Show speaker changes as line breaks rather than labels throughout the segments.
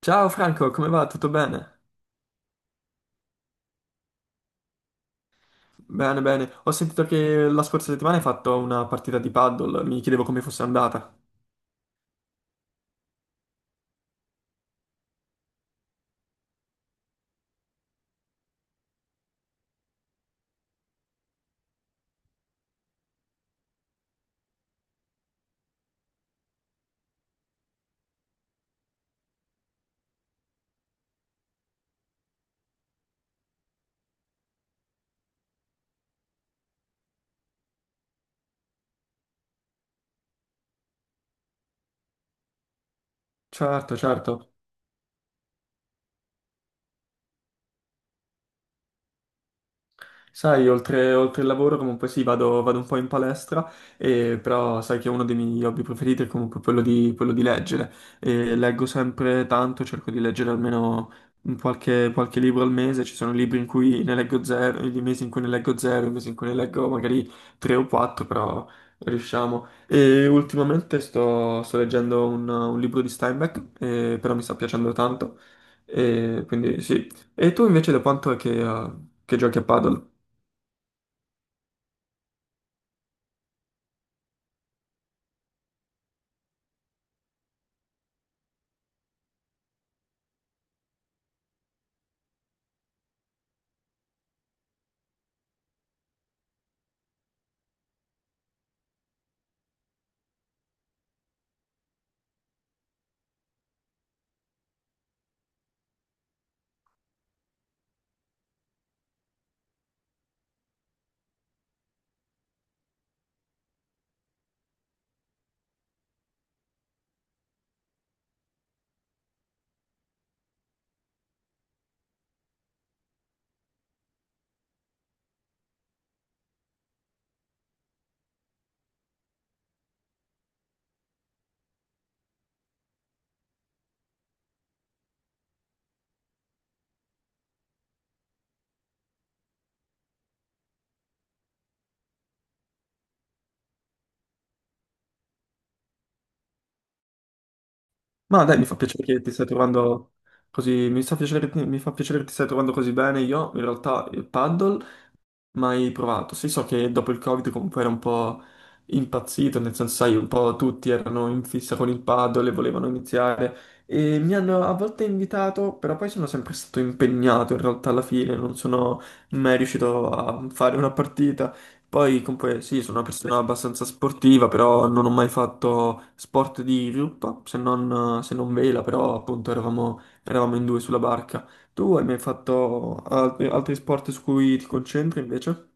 Ciao Franco, come va? Tutto bene? Bene, bene. Ho sentito che la scorsa settimana hai fatto una partita di paddle, mi chiedevo come fosse andata. Certo, certo. Sai, oltre il lavoro comunque sì, vado un po' in palestra, e, però sai che uno dei miei hobby preferiti è comunque quello di leggere. E leggo sempre tanto, cerco di leggere almeno un qualche libro al mese, ci sono libri in cui ne leggo zero, i mesi in cui ne leggo zero, i mesi in cui ne leggo magari tre o quattro, però riusciamo. E ultimamente sto leggendo un libro di Steinbeck, però mi sta piacendo tanto, e quindi sì. E tu invece da quanto è che giochi a paddle? Ma dai, mi fa piacere che ti stai trovando così, mi fa piacere che ti stai trovando così bene. Io in realtà il paddle mai provato? Sì, so che dopo il Covid comunque era un po' impazzito, nel senso, sai, un po' tutti erano in fissa con il paddle e volevano iniziare e mi hanno a volte invitato, però poi sono sempre stato impegnato in realtà alla fine, non sono mai riuscito a fare una partita. Poi comunque sì, sono una persona abbastanza sportiva, però non ho mai fatto sport di gruppo, se non vela, però appunto eravamo in due sulla barca. Tu hai mai fatto altri, altri sport su cui ti concentri invece?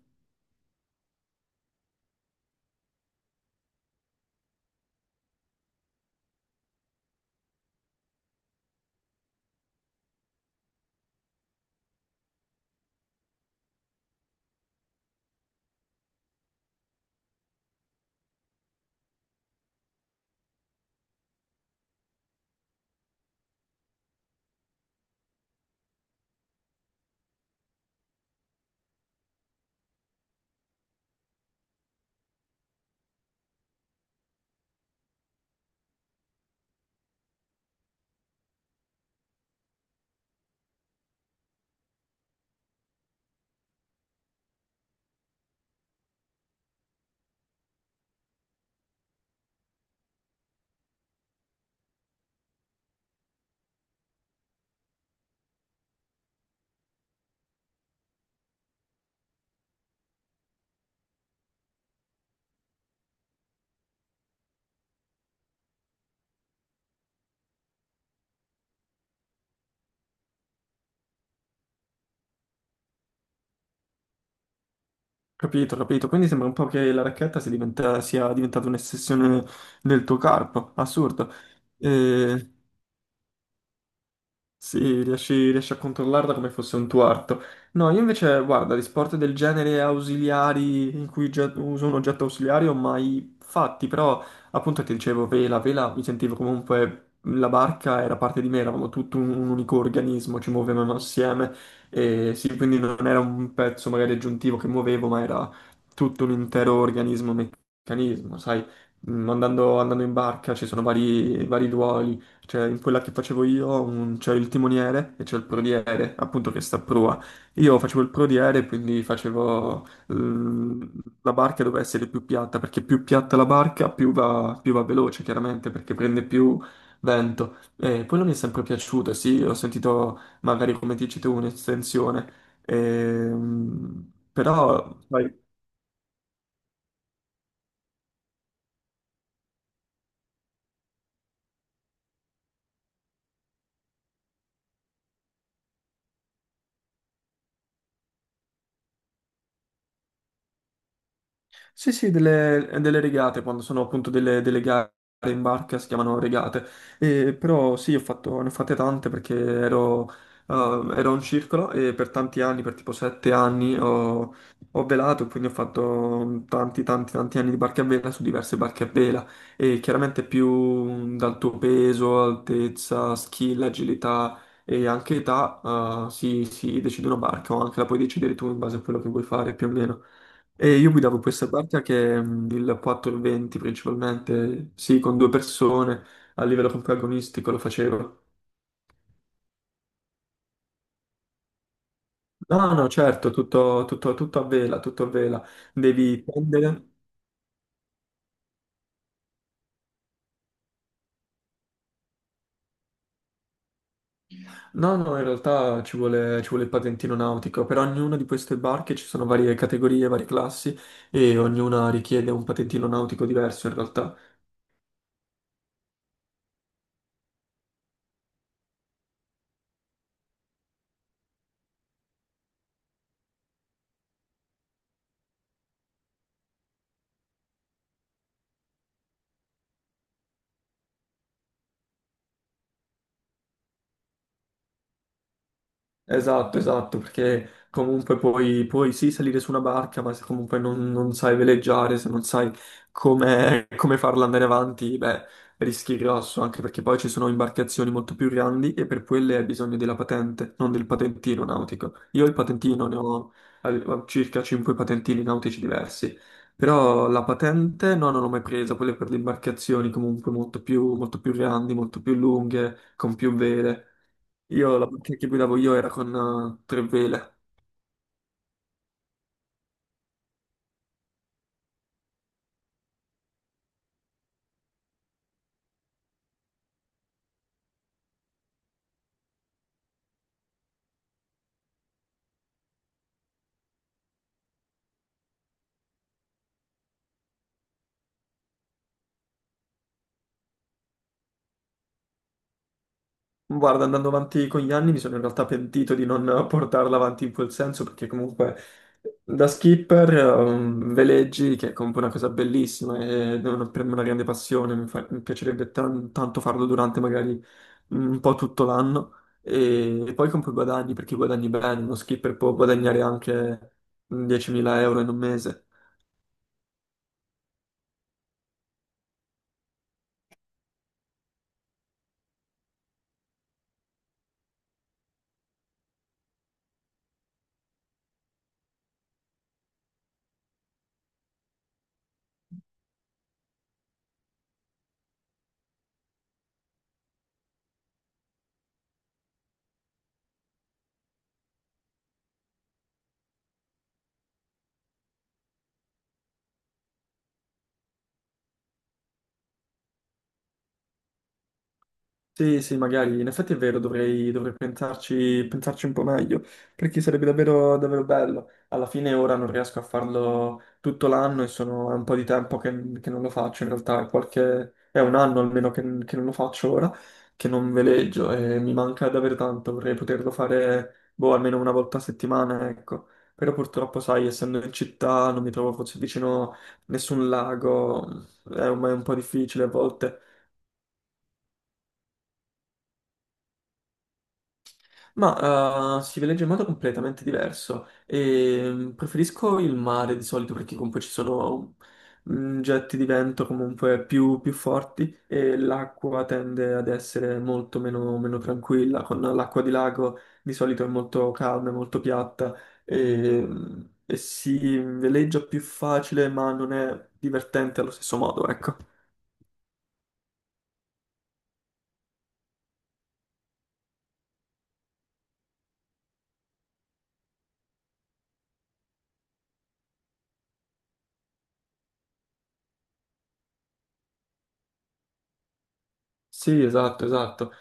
Capito, capito. Quindi sembra un po' che la racchetta sia, sia diventata un'ossessione nel tuo corpo. Assurdo. Eh, Sì, riesci a controllarla come fosse un tuo arto. No, io invece, guarda, di sport del genere ausiliari in cui uso un oggetto ausiliario mai fatti, però appunto ti dicevo vela, vela mi sentivo comunque la barca era parte di me, eravamo tutto un unico organismo, ci muovevamo assieme e sì, quindi non era un pezzo magari aggiuntivo che muovevo, ma era tutto un intero organismo, meccanismo, sai, mm, andando in barca ci sono vari ruoli cioè, in quella che facevo io c'è il timoniere e c'è il prodiere, appunto che sta a prua. Io facevo il prodiere, quindi facevo la barca doveva essere più piatta, perché più piatta la barca, più va veloce, chiaramente, perché prende più vento. E quello mi è sempre piaciuto, sì, ho sentito magari come dici tu un'estensione. Però sai, sì, sì, delle, delle regate, quando sono appunto delle, delle gare in barca si chiamano regate. E, però sì, ho fatto, ne ho fatte tante perché ero, ero un circolo e per tanti anni, per tipo sette anni, ho, ho velato, quindi ho fatto tanti, tanti, tanti anni di barche a vela su diverse barche a vela. E chiaramente più dal tuo peso, altezza, skill, agilità e anche età, si, si decide una barca o anche la puoi decidere tu in base a quello che vuoi fare più o meno. E io guidavo questa parte che è mm, il 420 principalmente, sì, con due persone, a livello protagonistico lo facevo. No, no, certo, tutto a vela, tutto a vela. Devi prendere... No, no, in realtà ci vuole il patentino nautico. Per ognuna di queste barche ci sono varie categorie, varie classi e ognuna richiede un patentino nautico diverso in realtà. Esatto, esatto, perché comunque puoi, puoi sì salire su una barca, ma se comunque non, non sai veleggiare, se non sai come, come farla andare avanti, beh, rischi grosso, anche perché poi ci sono imbarcazioni molto più grandi e per quelle hai bisogno della patente, non del patentino nautico. Io il patentino ne ho, avevo circa 5 patentini nautici diversi, però la patente no, non l'ho mai presa, quelle per le imbarcazioni comunque molto più grandi, molto più lunghe, con più vele. Io la macchina che guidavo io era con tre vele. Guarda, andando avanti con gli anni mi sono in realtà pentito di non portarla avanti in quel senso, perché comunque da skipper veleggi, che è comunque una cosa bellissima e è per me una grande passione, mi, mi piacerebbe tanto farlo durante magari un po' tutto l'anno e poi comunque guadagni, perché guadagni bene, uno skipper può guadagnare anche 10.000 euro in un mese. Sì, sì, magari, in effetti è vero, dovrei pensarci, pensarci un po' meglio, perché sarebbe davvero, davvero bello. Alla fine ora non riesco a farlo tutto l'anno e sono, è un po' di tempo che non lo faccio, in realtà è, qualche, è un anno almeno che non lo faccio ora, che non veleggio e mi manca davvero tanto, vorrei poterlo fare, boh, almeno una volta a settimana, ecco. Però purtroppo, sai, essendo in città non mi trovo forse vicino nessun lago, è un po' difficile a volte. Ma si veleggia in modo completamente diverso. E, preferisco il mare di solito perché comunque ci sono mm, getti di vento comunque più, più forti e l'acqua tende ad essere molto meno, meno tranquilla. Con l'acqua di lago di solito è molto calma, è molto piatta e, mm, e si veleggia più facile ma non è divertente allo stesso modo, ecco. Sì, esatto, esatto.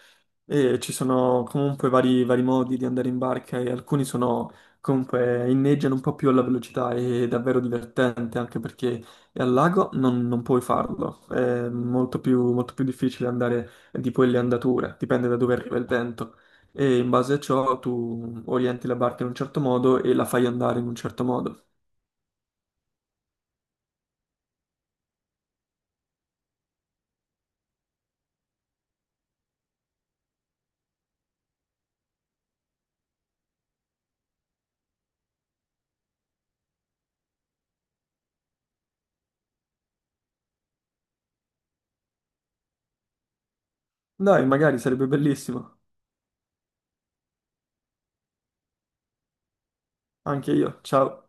E ci sono comunque vari modi di andare in barca e alcuni sono comunque inneggiano un po' più alla velocità e è davvero divertente anche perché al lago non, non puoi farlo, è molto più difficile andare di quelle andature, dipende da dove arriva il vento e in base a ciò tu orienti la barca in un certo modo e la fai andare in un certo modo. Dai, magari sarebbe bellissimo, anche io, ciao.